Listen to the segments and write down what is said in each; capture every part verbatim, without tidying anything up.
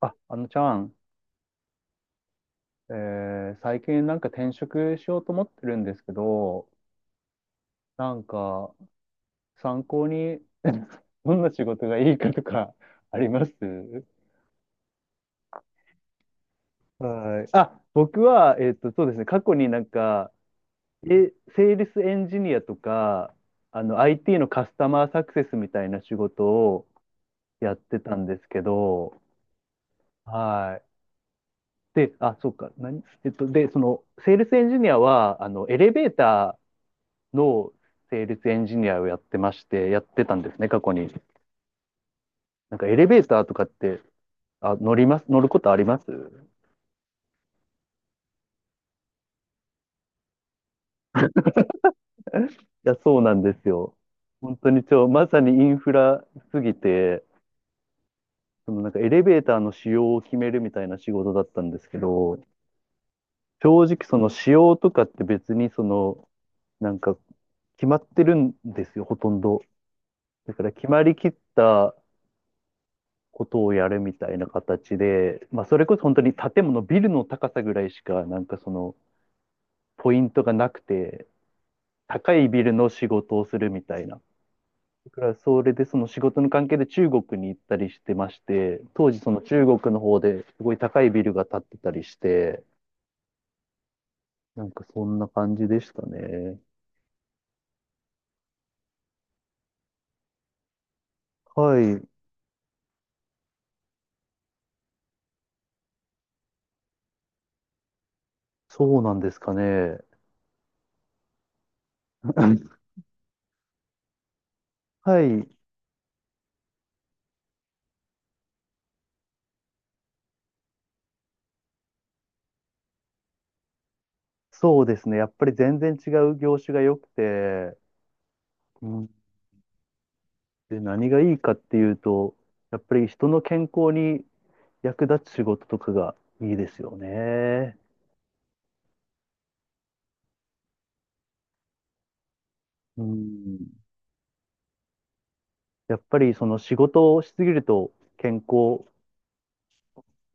あ、あのちゃん、えー最近なんか転職しようと思ってるんですけど、なんか参考に どんな仕事がいいかとか ありますはい。あ、僕は、えっと、そうですね、過去になんか、え、セールスエンジニアとか、あの、アイティー のカスタマーサクセスみたいな仕事をやってたんですけど、はい。で、あ、そうか、何、えっと、で、その、セールスエンジニアは、あの、エレベーターのセールスエンジニアをやってまして、やってたんですね、過去に。なんかエレベーターとかって、あ、乗ります、乗ることありますいや、そうなんですよ。本当に超、まさにインフラすぎて、そのなんかエレベーターの仕様を決めるみたいな仕事だったんですけど、正直その仕様とかって別にその、なんか決まってるんですよ、ほとんど。だから決まりきったことをやるみたいな形で、まあそれこそ本当に建物、ビルの高さぐらいしか、なんかその、ポイントがなくて、高いビルの仕事をするみたいな。だからそれでその仕事の関係で中国に行ったりしてまして、当時その中国の方ですごい高いビルが建ってたりして、なんかそんな感じでしたね。はい、そうなんですかね。はい、そうですね。やっぱり全然違う業種が良くて、うんで、何がいいかっていうと、やっぱり人の健康に役立つ仕事とかがいいですよね。うんやっぱりその仕事をしすぎると健康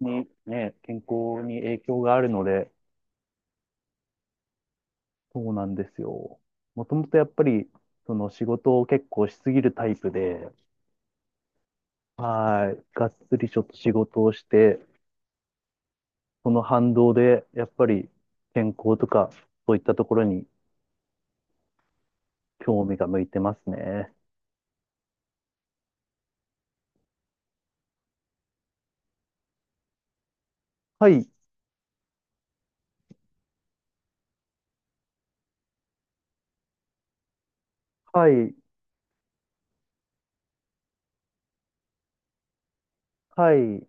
にね、健康に影響があるので、そうなんですよ。もともとやっぱりその仕事を結構しすぎるタイプで、はい、がっつりちょっと仕事をして、その反動でやっぱり健康とかそういったところに興味が向いてますね。はい、はい、はい、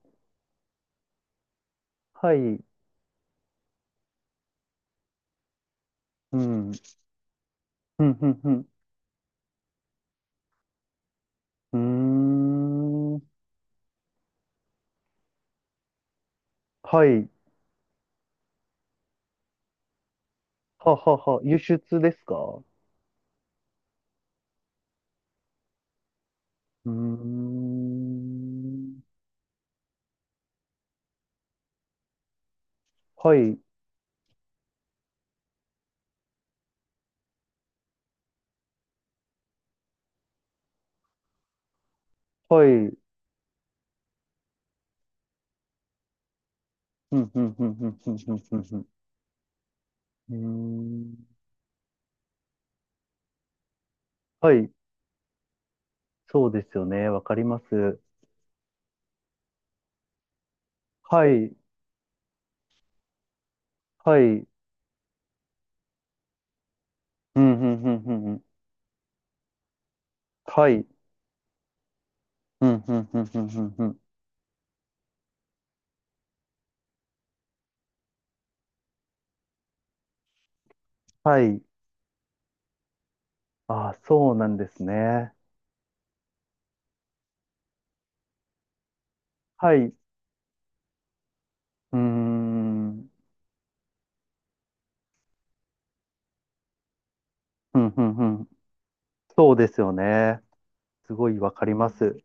はい、うん、うん、うん、うん、うーん、はい、ははは、輸出ですかうーん。はい、はい。うん、うん、うん、うん、うん、うん、うん。うん。うーんはい、そうですよね。わかります。はい、はい。うん、うん、うん、うんうん。はい。うん、うん、うん、うん、うんうん。はい。ああ、そうなんですね。はい。うーん。うん、うん、うん。そうですよね。すごいわかります。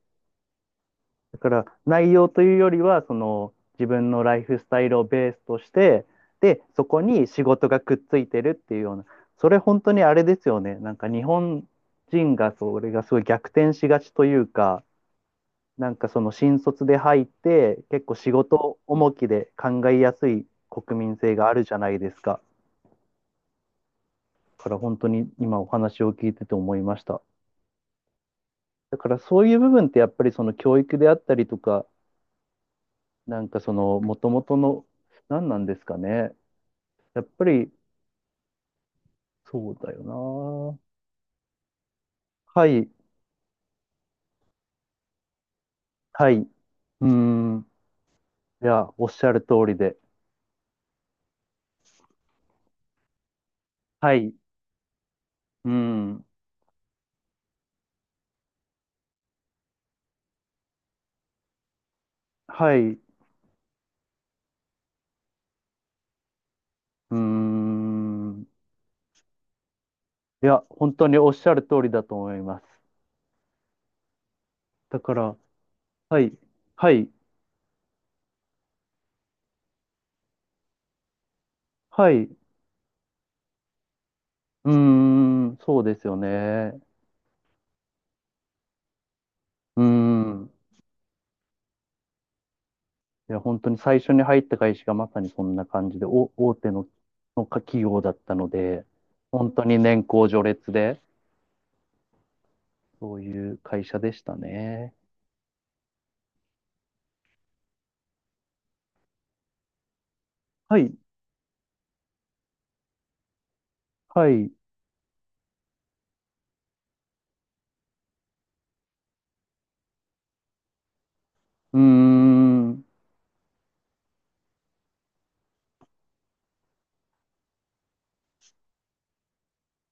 だから内容というよりはその自分のライフスタイルをベースとしてでそこに仕事がくっついてるっていうようなそれ本当にあれですよねなんか日本人がそれがすごい逆転しがちというかなんかその新卒で入って結構仕事重きで考えやすい国民性があるじゃないですか。だから本当に今お話を聞いてて思いました。だからそういう部分ってやっぱりその教育であったりとか、なんかそのもともとの何なんですかね。やっぱり、そうだよな。はい、はい。うーん。いや、おっしゃる通りで。はい、うーん。はい、うーん。いや、本当におっしゃる通りだと思います。だから、はい、はい、はい、うーん、そうですよね。うーん。いや、本当に最初に入った会社がまさにそんな感じで、お、大手のの企業だったので、本当に年功序列で、そういう会社でしたね。はい。はい。うーん。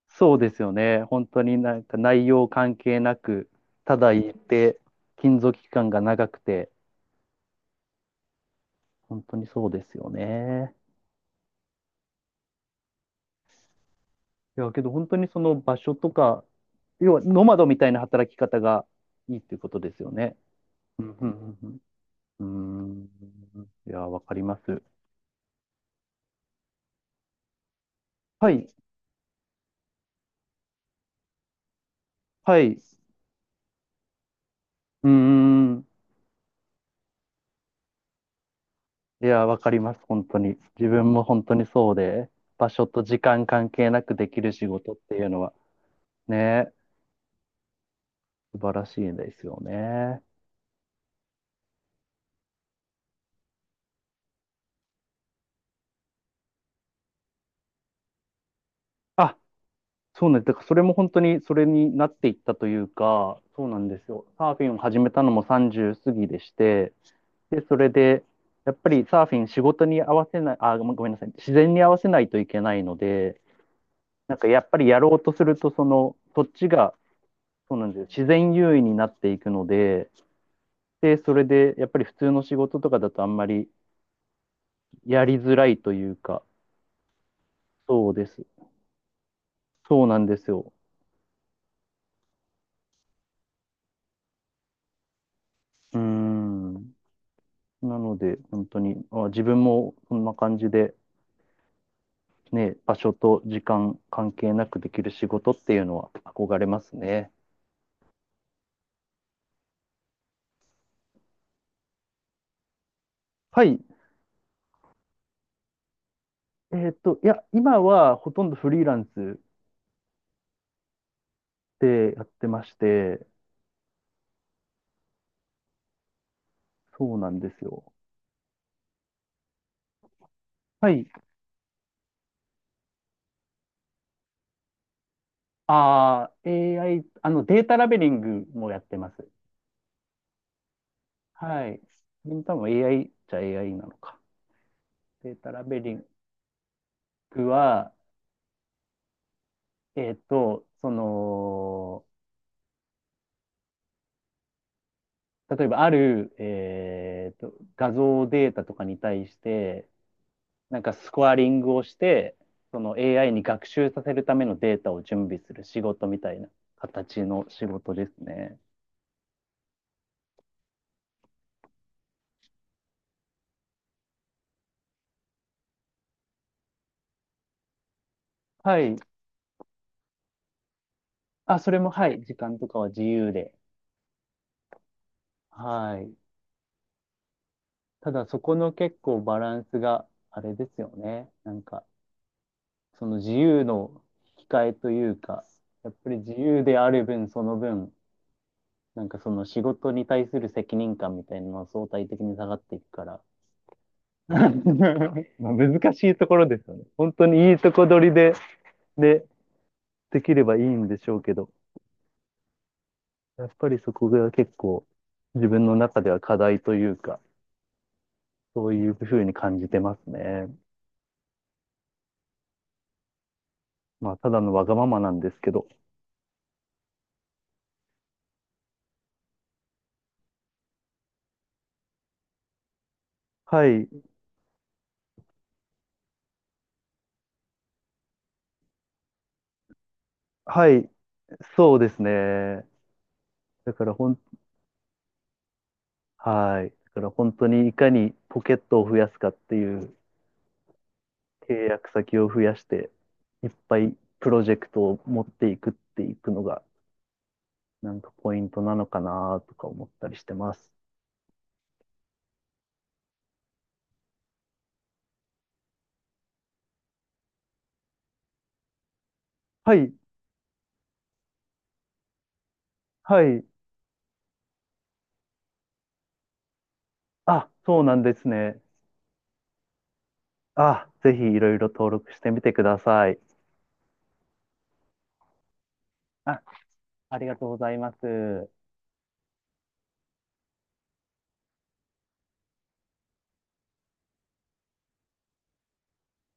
そうですよね。本当になんか内容関係なく、ただ言って、勤続期間が長くて、本当にそうですよね。いや、けど本当にその場所とか、要はノマドみたいな働き方がいいっていうことですよね。うんうんうんうんうーん。いや、わかります。はい。はい。うーん。いや、わかります。本当に。自分も本当にそうで、場所と時間関係なくできる仕事っていうのは、ね、素晴らしいですよね。あ、そうなんです。だからそれも本当にそれになっていったというか、そうなんですよ。サーフィンを始めたのもさんじゅう過ぎでして、で、それで、やっぱりサーフィン仕事に合わせない、あ、ごめんごめんなさい、自然に合わせないといけないので、なんかやっぱりやろうとすると、その、そっちが、そうなんですよ。自然優位になっていくので、で、それで、やっぱり普通の仕事とかだとあんまりやりづらいというか、そうです。そうなんですよ。うーん。なので、本当に、あ、自分もそんな感じで、ね、場所と時間関係なくできる仕事っていうのは憧れますね。はい。えーっと、いや、今はほとんどフリーランスでやってまして、そうなんですよ。はい。ああ、エーアイ、あの、データラベリングもやってます。はい。これも多分 エーアイ じゃ エーアイ なのか。データラベリングは、えっと、その、例えばある、えーと、画像データとかに対して、なんかスコアリングをして、その エーアイ に学習させるためのデータを準備する仕事みたいな形の仕事ですね。はい。あ、それも、はい。時間とかは自由で。はい。ただそこの結構バランスがあれですよね。なんか、その自由の引き換えというか、やっぱり自由である分、その分、なんかその仕事に対する責任感みたいなのは相対的に下がっていくから。まあ難しいところですよね。本当にいいとこ取りで、で、できればいいんでしょうけど、やっぱりそこが結構自分の中では課題というか、そういうふうに感じてますね。まあ、ただのわがままなんですけど。はい、はい、そうですね。だからほん、はい。だから本当にいかにポケットを増やすかっていう契約先を増やして、いっぱいプロジェクトを持っていくっていくのが、なんかポイントなのかなとか思ったりしてます。はい、はい。あ、そうなんですね。あ、ぜひいろいろ登録してみてください。あ、ありがとうございます。